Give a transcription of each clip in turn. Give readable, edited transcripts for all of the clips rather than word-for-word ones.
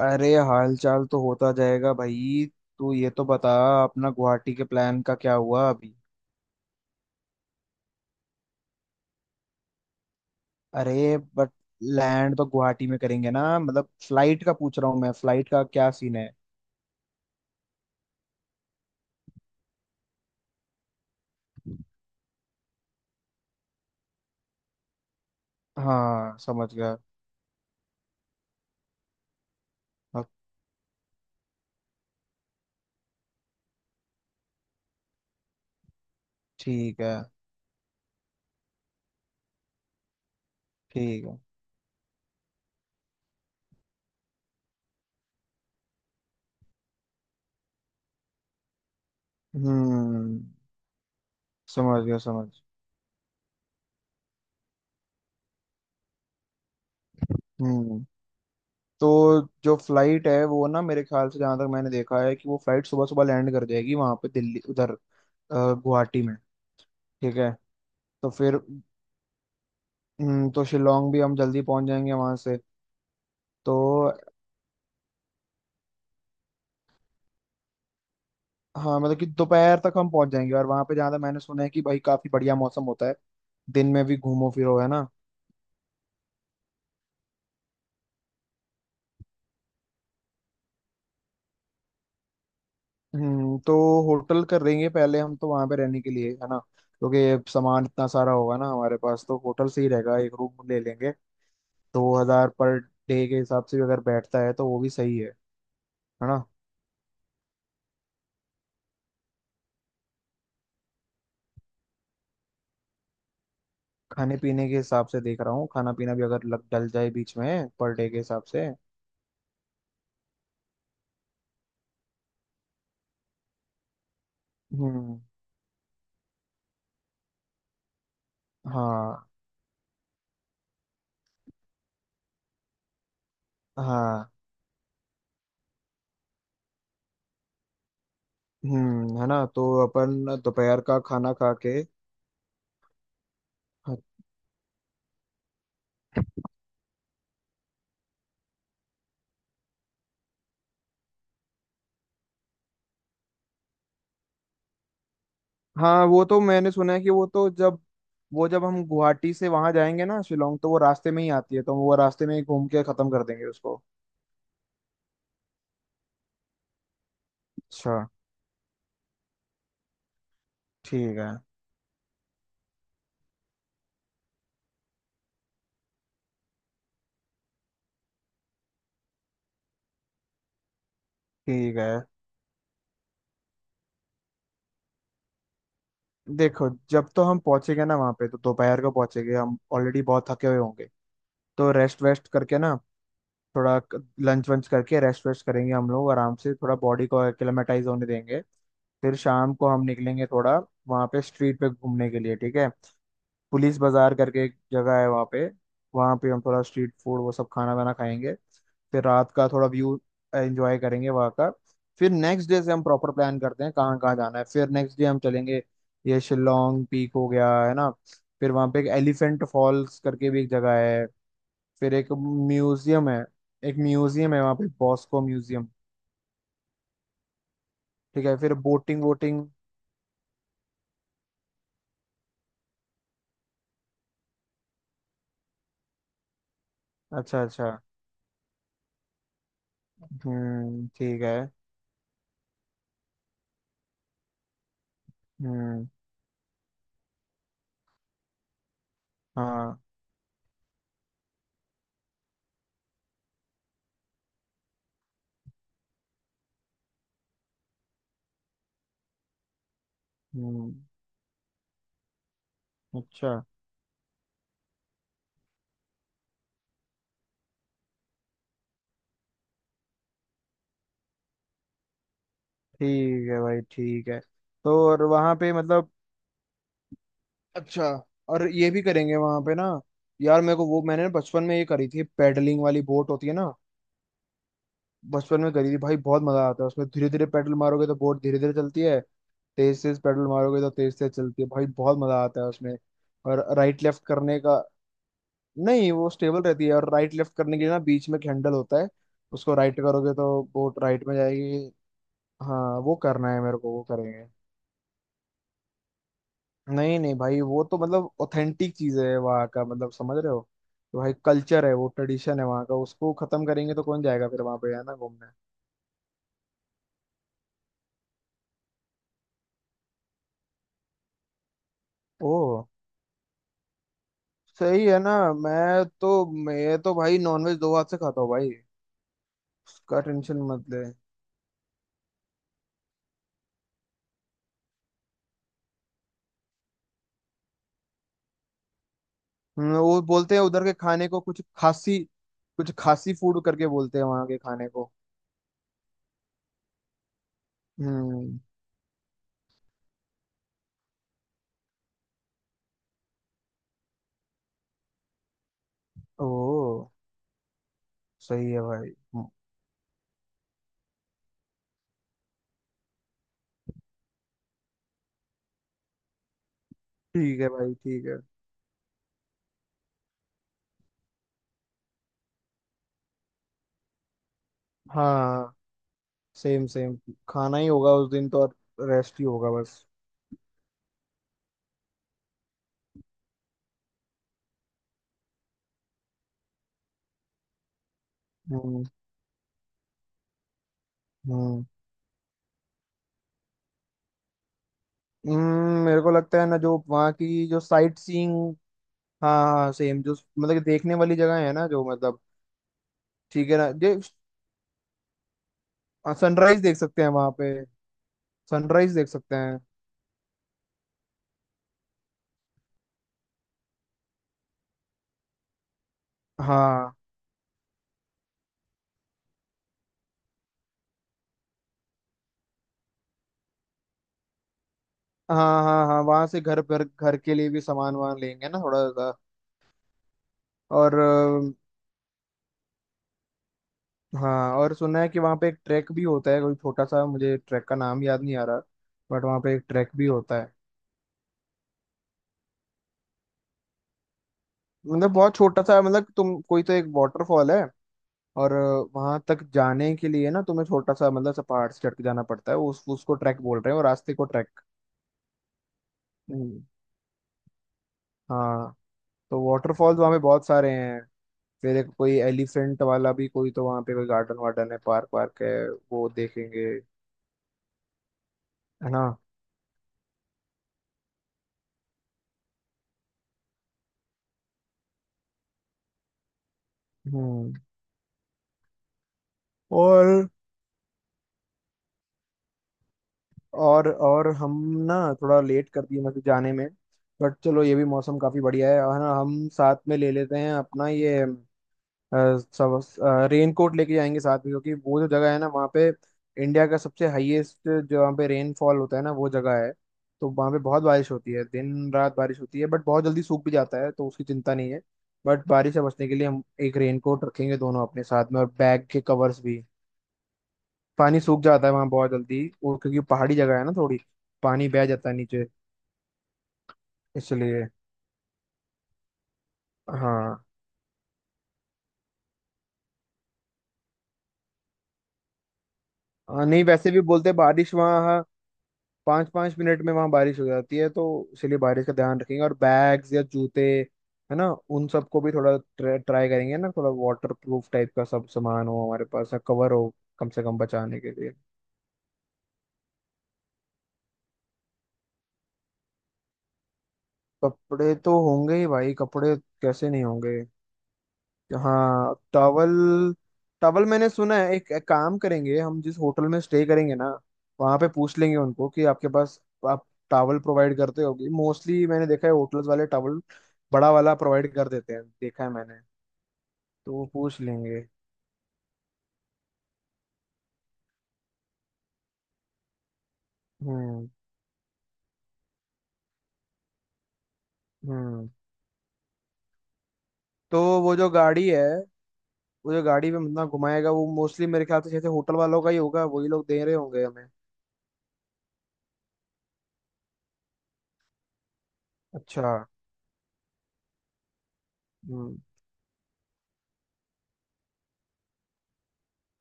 अरे हाल चाल तो होता जाएगा भाई। तू ये तो बता, अपना गुवाहाटी के प्लान का क्या हुआ अभी। अरे बट लैंड तो गुवाहाटी में करेंगे ना, मतलब फ्लाइट का पूछ रहा हूँ मैं, फ्लाइट का क्या सीन है। हाँ, समझ गया। अब। ठीक है। ठीक है। हम्म, समझ गया, समझ हम्म। तो जो फ्लाइट है वो ना, मेरे ख्याल से जहां तक मैंने देखा है, कि वो फ्लाइट सुबह सुबह लैंड कर जाएगी वहां पे दिल्ली उधर, गुवाहाटी में। ठीक है। तो फिर। तो शिलोंग भी हम जल्दी पहुंच जाएंगे वहां से। तो हाँ, मतलब कि दोपहर तक हम पहुंच जाएंगे, और वहां पे जहाँ तक मैंने सुना है, कि भाई काफी बढ़िया मौसम होता है। दिन में भी घूमो फिरो, है ना। हम्म। तो होटल कर देंगे पहले हम, तो वहां पे रहने के लिए, है ना। क्योंकि सामान इतना सारा होगा ना हमारे पास, तो होटल से ही रहेगा, एक रूम ले लेंगे। 2000 पर डे के हिसाब से भी अगर बैठता है तो वो भी सही है ना। खाने पीने के हिसाब से देख रहा हूँ, खाना पीना भी अगर लग डल जाए बीच में, पर डे के हिसाब से। हम्म। हाँ, हाँ। है ना, तो अपन दोपहर का खाना खा के। हाँ, वो तो मैंने सुना है कि वो तो जब, वो जब हम गुवाहाटी से वहां जाएंगे ना शिलोंग, तो वो रास्ते में ही आती है, तो वो रास्ते में ही घूम के खत्म कर देंगे उसको। अच्छा। ठीक है। ठीक है। देखो, जब तो हम पहुंचेंगे ना वहां पे, तो दोपहर को पहुंचेंगे, हम ऑलरेडी बहुत थके हुए होंगे। तो रेस्ट वेस्ट करके ना, थोड़ा लंच वंच करके रेस्ट वेस्ट करेंगे हम लोग आराम से, थोड़ा बॉडी को एक्लेमेटाइज होने देंगे। फिर शाम को हम निकलेंगे थोड़ा, वहाँ पे स्ट्रीट पे घूमने के लिए, ठीक है। पुलिस बाजार करके एक जगह है वहाँ पे, वहाँ पे हम थोड़ा स्ट्रीट फूड वो सब खाना वाना खाएंगे। फिर रात का थोड़ा व्यू एंजॉय करेंगे वहाँ का। फिर नेक्स्ट डे से हम प्रॉपर प्लान करते हैं कहाँ कहाँ जाना है, फिर नेक्स्ट डे हम चलेंगे। ये शिलोंग पीक हो गया है ना। फिर वहाँ पे एक एलिफेंट फॉल्स करके भी एक जगह है। फिर एक म्यूजियम है, एक म्यूजियम है वहाँ पे, बॉस्को म्यूजियम। ठीक है। फिर बोटिंग वोटिंग। अच्छा, अच्छा। हम्म, ठीक है। हम्म। हाँ। हम्म। अच्छा। ठीक है भाई, ठीक है। तो और वहाँ पे मतलब, अच्छा, और ये भी करेंगे वहाँ पे ना। यार मेरे को वो, मैंने ना बचपन में ये करी थी, पैडलिंग वाली बोट होती है ना। बचपन में करी थी भाई, बहुत मजा आता है उसमें, धीरे धीरे पेडल मारोगे तो बोट धीरे धीरे चलती है। तेज तेज पेडल मारोगे तो तेज तेज चलती है, भाई बहुत मजा आता है उसमें। और राइट लेफ्ट करने का। नहीं, वो स्टेबल रहती है, और राइट लेफ्ट करने के लिए ना बीच में एक हैंडल होता है। उसको राइट करोगे तो बोट राइट में जाएगी। हाँ, वो करना है मेरे को, वो करेंगे। नहीं नहीं भाई, वो तो मतलब ऑथेंटिक चीज है वहाँ का, मतलब समझ रहे हो। तो भाई कल्चर है वो, ट्रेडिशन है वहाँ का, उसको खत्म करेंगे तो कौन जाएगा फिर वहाँ पे, है ना, घूमने। ओ। सही है ना, मैं तो भाई नॉनवेज दो हाथ से खाता हूँ भाई। उसका टेंशन मत ले। वो बोलते हैं उधर के खाने को कुछ खासी, कुछ खासी फूड करके बोलते हैं वहां के खाने को। हम्म। ओ। सही है भाई। हम्म। ठीक है भाई, ठीक है। हाँ, सेम सेम। खाना ही होगा उस दिन तो, और रेस्ट ही होगा बस। हम्म। हम्म। मेरे को लगता है ना जो वहाँ की जो साइट सीइंग। हाँ हाँ, सेम, जो मतलब कि देखने वाली जगह है ना जो, मतलब, ठीक है ना जो। सनराइज देख सकते हैं वहां पे। सनराइज देख सकते हैं। हाँ, हाँ, हाँ। हाँ, वहां से घर घर घर के लिए भी सामान वामान लेंगे ना थोड़ा सा। और हाँ, और सुना है कि वहाँ पे एक ट्रैक भी होता है कोई छोटा सा, मुझे ट्रैक का नाम याद नहीं आ रहा। बट वहाँ पे एक ट्रैक भी होता है। मतलब बहुत छोटा सा, मतलब तुम, कोई तो एक वाटरफॉल है। और वहां तक जाने के लिए ना तुम्हें छोटा सा मतलब सा पहाड़ से चढ़ के जाना पड़ता है, उस उसको ट्रैक बोल रहे हैं, और रास्ते को ट्रैक। हम्म। हाँ। तो वाटरफॉल्स वहाँ पे बहुत सारे हैं। फिर एक कोई एलिफेंट वाला भी कोई, तो वहाँ पे कोई गार्डन वार्डन है, पार्क वार्क है। वो देखेंगे, है ना। हम्म। और और हम ना थोड़ा लेट कर दिए मतलब जाने में। बट चलो, ये भी मौसम काफी बढ़िया है, और है ना, हम साथ में ले लेते हैं अपना ये सब। रेनकोट लेके जाएंगे साथ में, क्योंकि वो जो जगह है ना वहाँ पे, इंडिया का सबसे हाईएस्ट जो वहाँ पे रेनफॉल होता है ना, वो जगह है। तो वहाँ पे बहुत बारिश होती है, दिन रात बारिश होती है, बट बहुत जल्दी सूख भी जाता है, तो उसकी चिंता नहीं है। बट बारिश से बचने के लिए हम एक रेनकोट रखेंगे दोनों अपने साथ में, और बैग के कवर्स भी। पानी सूख जाता है वहाँ बहुत जल्दी, और क्योंकि पहाड़ी जगह है ना थोड़ी, पानी बह जाता है नीचे, इसलिए। हाँ, हाँ, नहीं, वैसे भी बोलते हैं बारिश वहाँ 5 5 मिनट में वहां बारिश हो जाती है तो। इसलिए बारिश का ध्यान रखेंगे, और बैग्स या जूते, है ना, उन सबको भी थोड़ा ट्राई करेंगे ना, थोड़ा वाटर प्रूफ टाइप का सब सामान हो हमारे पास, कवर हो, कम से कम बचाने के लिए। कपड़े तो होंगे ही भाई, कपड़े कैसे नहीं होंगे। हाँ, टॉवल। टॉवल मैंने सुना है, एक काम करेंगे हम, जिस होटल में स्टे करेंगे ना वहाँ पे पूछ लेंगे उनको कि आपके पास आप टॉवल प्रोवाइड करते होगी। मोस्टली मैंने देखा है होटल्स वाले टॉवल बड़ा वाला प्रोवाइड कर देते हैं, देखा है मैंने। तो वो पूछ लेंगे। हम्म। हम्म। तो वो जो गाड़ी है, वो जो गाड़ी में बंदा घुमाएगा, वो मोस्टली मेरे ख्याल से जैसे होटल वालों का ही होगा, वही लोग दे रहे होंगे हमें। अच्छा। हम्म।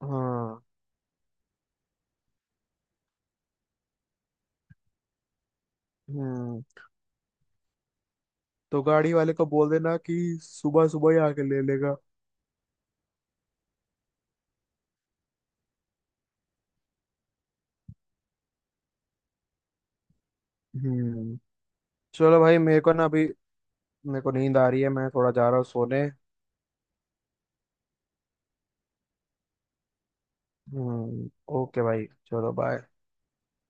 हाँ। हम्म। तो गाड़ी वाले को बोल देना कि सुबह सुबह ही आके ले लेगा। हम्म। चलो भाई, मेरे को ना अभी, मेरे को नींद आ रही है, मैं थोड़ा जा रहा हूँ सोने। हम्म। ओके भाई, चलो बाय।